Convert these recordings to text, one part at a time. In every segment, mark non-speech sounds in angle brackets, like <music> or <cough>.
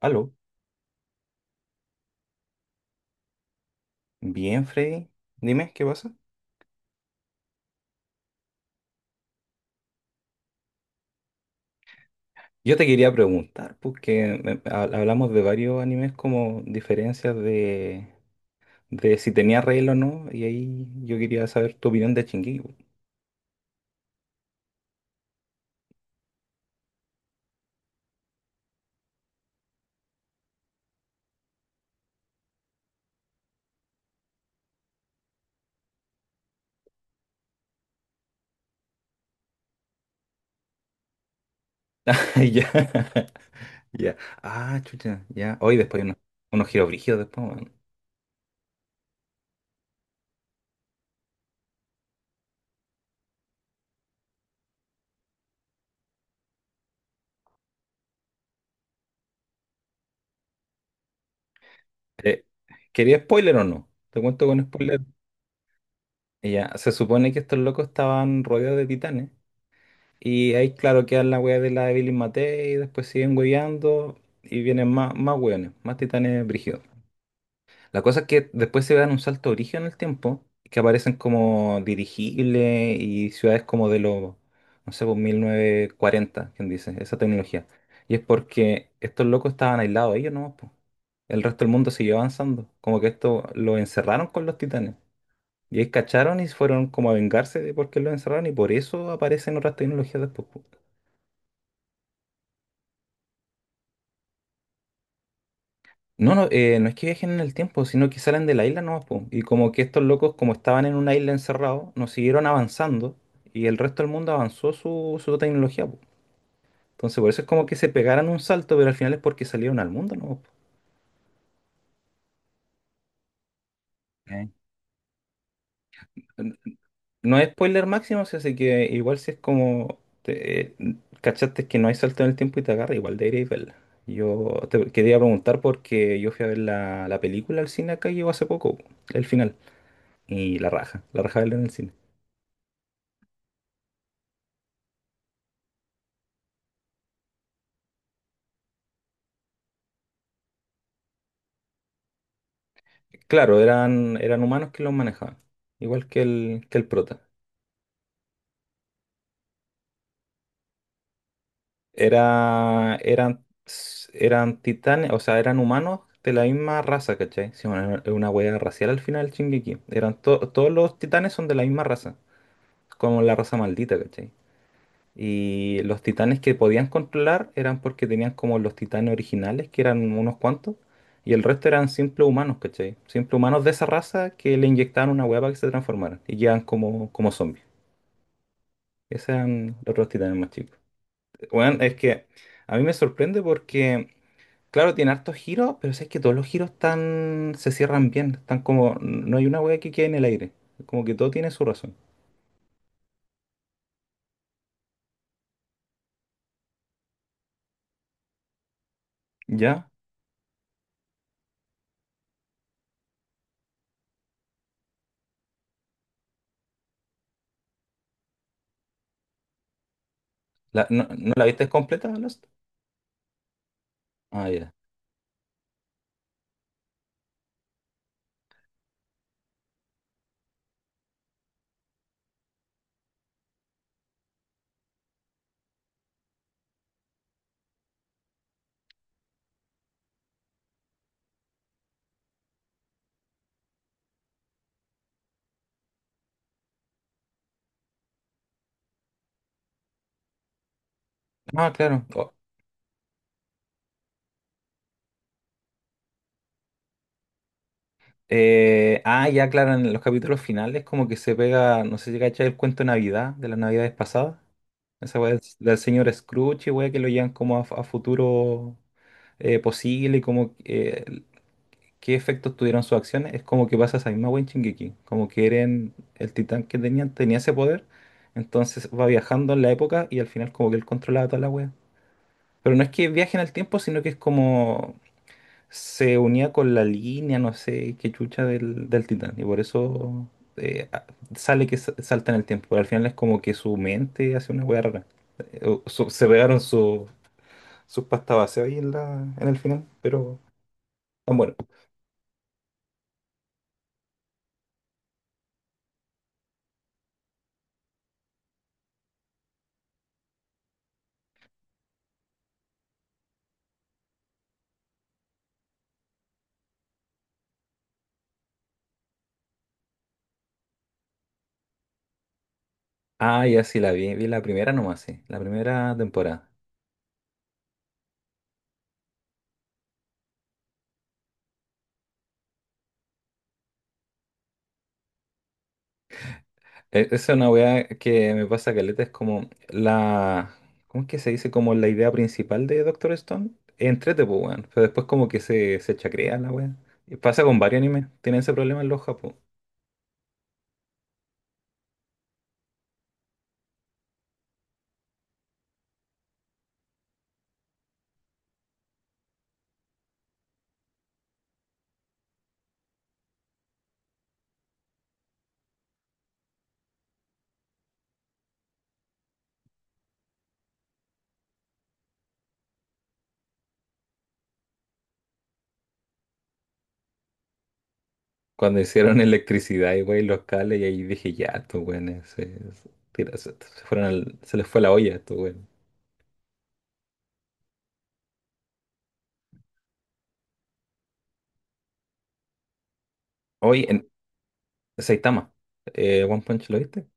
Aló, bien, Freddy. Dime, ¿qué pasa? Yo te quería preguntar, porque hablamos de varios animes como diferencias de si tenía regla o no, y ahí yo quería saber tu opinión de Shingeki, po. <laughs> Ya, ya. Ah, chucha, ya. Hoy después hay unos giros brígidos después, weón. Eh, ¿Quería spoiler o no? Te cuento con spoiler. Ya, se supone que estos locos estaban rodeados de titanes. Y ahí, claro, queda la wea de la de Billy Matei, y después siguen hueveando y vienen más hueones, más titanes brígidos. La cosa es que después se dan un salto origen en el tiempo, que aparecen como dirigibles y ciudades como de los, no sé, pues 1940 quien dice, esa tecnología. Y es porque estos locos estaban aislados ellos nomás, po. El resto del mundo siguió avanzando. Como que esto lo encerraron con los titanes. Y ahí cacharon y fueron como a vengarse de por qué lo encerraron y por eso aparecen otras tecnologías después, po. No, no, no es que viajen en el tiempo, sino que salen de la isla nomás, po. Y como que estos locos, como estaban en una isla encerrados, nos siguieron avanzando y el resto del mundo avanzó su tecnología, po. Entonces, por eso es como que se pegaran un salto, pero al final es porque salieron al mundo nomás, po. Ok. No es spoiler máximo, sí, así que igual si es como cachaste que no hay salto en el tiempo y te agarra, igual deberíais verla. Yo te quería preguntar porque yo fui a ver la película al cine acá y llegó hace poco, el final. Y la raja verla en el cine. Claro, eran humanos que los manejaban, igual que que el prota. Era, eran, eran titanes, o sea, eran humanos de la misma raza, ¿cachai? Sí, bueno, es una hueá racial al final, el Shingeki. Eran todos los titanes son de la misma raza, como la raza maldita, ¿cachai? Y los titanes que podían controlar eran porque tenían como los titanes originales, que eran unos cuantos, y el resto eran simples humanos, ¿cachai? Simples humanos de esa raza que le inyectaban una hueá para que se transformaran y quedan como zombies. Esos eran los dos titanes más chicos. Bueno, es que a mí me sorprende porque, claro, tiene hartos giros, pero es que todos los giros están, se cierran bien. Están como, no hay una wea que quede en el aire. Como que todo tiene su razón. ¿Ya? No, no la viste completa, Lost? Ah, ya. Ah, claro. Oh, ah, ya, claro, en los capítulos finales como que se pega, no sé si cachai el cuento de Navidad, de las Navidades pasadas. Esa wea del señor Scrooge y wea que lo llevan como a, futuro posible y como qué efectos tuvieron sus acciones, es como que pasa esa misma wea en Shingeki. Como que Eren, el titán que tenían, tenía ese poder, entonces va viajando en la época y al final como que él controlaba toda la wea. Pero no es que viaje en el tiempo, sino que es como se unía con la línea, no sé, qué chucha del titán. Y por eso eh, a- sale que salta en el tiempo. Pero al final es como que su mente hace una wea rara. Se pegaron sus pastas base ahí en el final, pero... ah, bueno. Ah, ya sí la vi la primera nomás, sí, la primera temporada. Esa es una weá que me pasa caleta, es como la, ¿cómo es que se dice? Como la idea principal de Doctor Stone, entrete, pues, weón, pero después como que se chacrea la weá. Y pasa con varios animes, tienen ese problema en los Japón. Cuando hicieron <laughs> electricidad y wey, los cables, y ahí dije, ya, estos weones se, se, tira- se- se fueron al- se les fue la olla a estos weones. Hoy en Saitama, One Punch, ¿lo viste?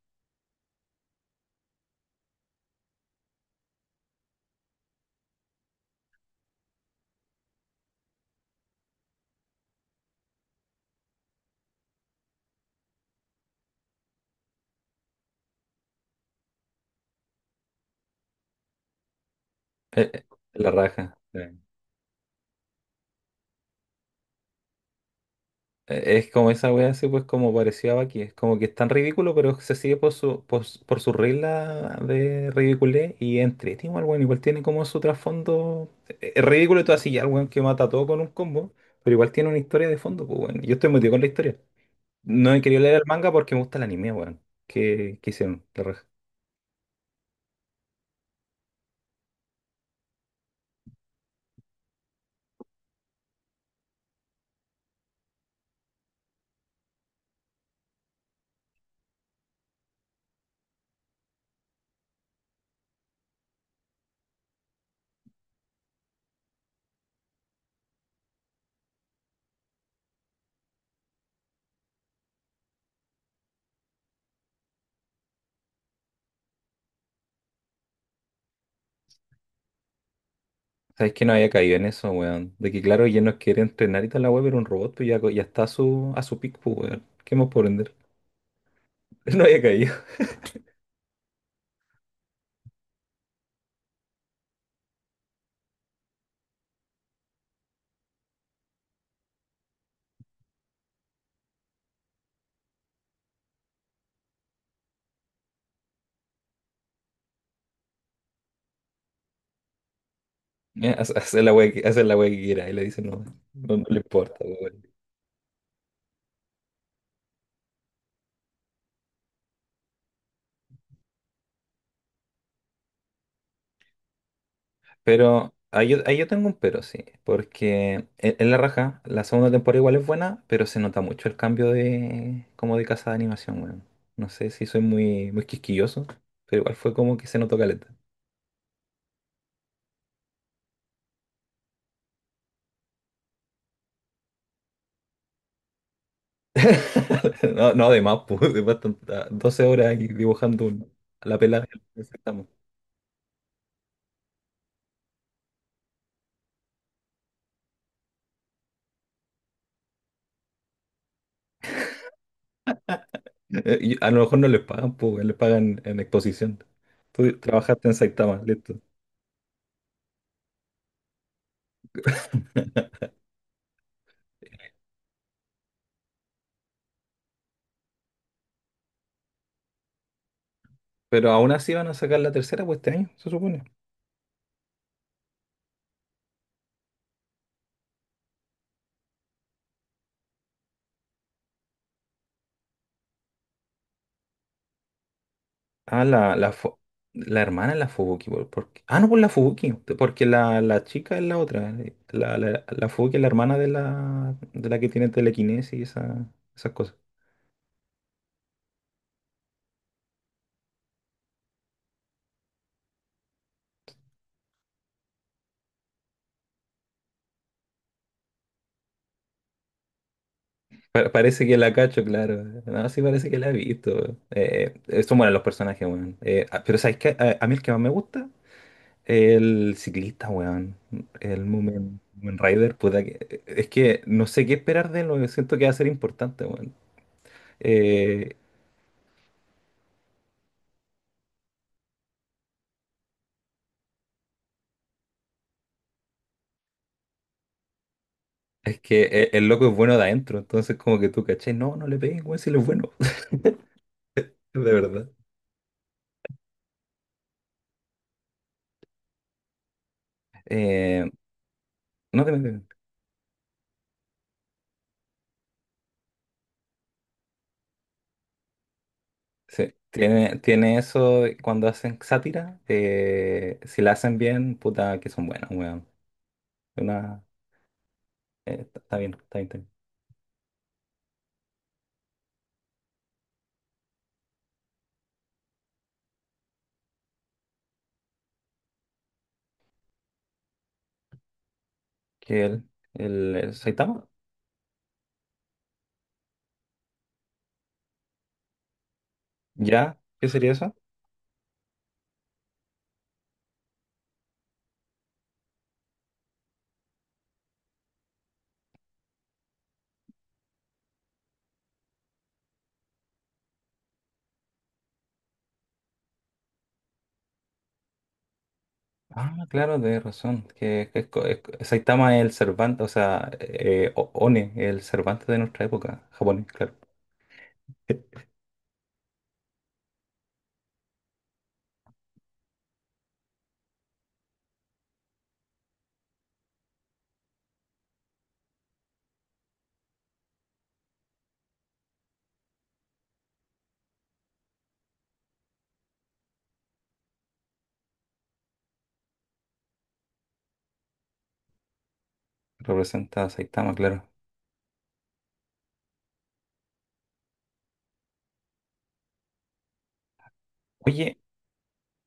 Eh, eh, la raja, sí. Es como esa wea así, pues, como parecía aquí. Es como que es tan ridículo, pero se sigue por su regla de ridiculez y entretenido el weón. Igual tiene como su trasfondo. Es ridículo y todo así, ya el weón que mata a todo con un combo, pero igual tiene una historia de fondo, pues, weón. Yo estoy metido con la historia. No he querido leer el manga porque me gusta el anime, weón. ¿Qué hicieron? La raja. ¿Sabes que no había caído en eso, weón? De que, claro, ya no quiere entrenar y toda la web, pero un robot, pues ya, ya está a su, pico, pues, weón. ¿Qué más por vender? <laughs> No había caído. Ya, haz la wea que quiera. Y le dicen, no, no, no le importa, weón. Pero ahí yo, tengo un pero, sí. Porque en La Raja, la segunda temporada igual es buena, pero se nota mucho el cambio de como de casa de animación, weón. No sé si soy muy, muy quisquilloso, pero igual fue como que se notó caleta. <laughs> No, no, de más 12 horas ahí dibujando la pelada, que estamos. Y a lo mejor no les pagan, pues les pagan en exposición. Tú trabajaste en Saitama, listo. Pero aún así van a sacar la tercera, pues este año, se supone. Ah, la hermana es la Fubuki. Ah, no, por la Fubuki. Porque la chica es la otra. La Fubuki es la hermana de la, que tiene telequinesis y esas cosas. Parece que la cacho, claro. No, sí parece que la he visto. Son buenos los personajes, weón. Ah, pero ¿sabes qué? A mí el que más me gusta, el ciclista, weón. El Mumen Rider, puta que... Es que no sé qué esperar de él, weón. Siento que va a ser importante, weón. eh, es que el loco es bueno de adentro, entonces como que tú, ¿cachai? No, no le pegues, weón, si él es bueno, <laughs> de verdad. Eh, no te metas. Sí, tiene, eso cuando hacen sátira, si la hacen bien, puta, que son buenas, weón. Una, está bien, está bien, está bien. ¿Que el Saitama? ¿Ya? ¿Qué sería eso? Ah, claro, de razón. Que Saitama es el Cervantes, o sea, One, el Cervantes de nuestra época, japonés, claro. Representa a Saitama, claro. Oye,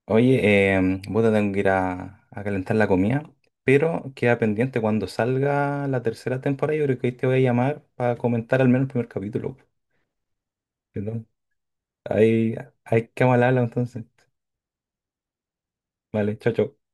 oye, puta, tengo que ir a calentar la comida, pero queda pendiente cuando salga la tercera temporada. Yo creo que ahí te voy a llamar para comentar al menos el primer capítulo. Po, ¿no? Ahí, hay que hablarlo entonces. Vale, chao, chao.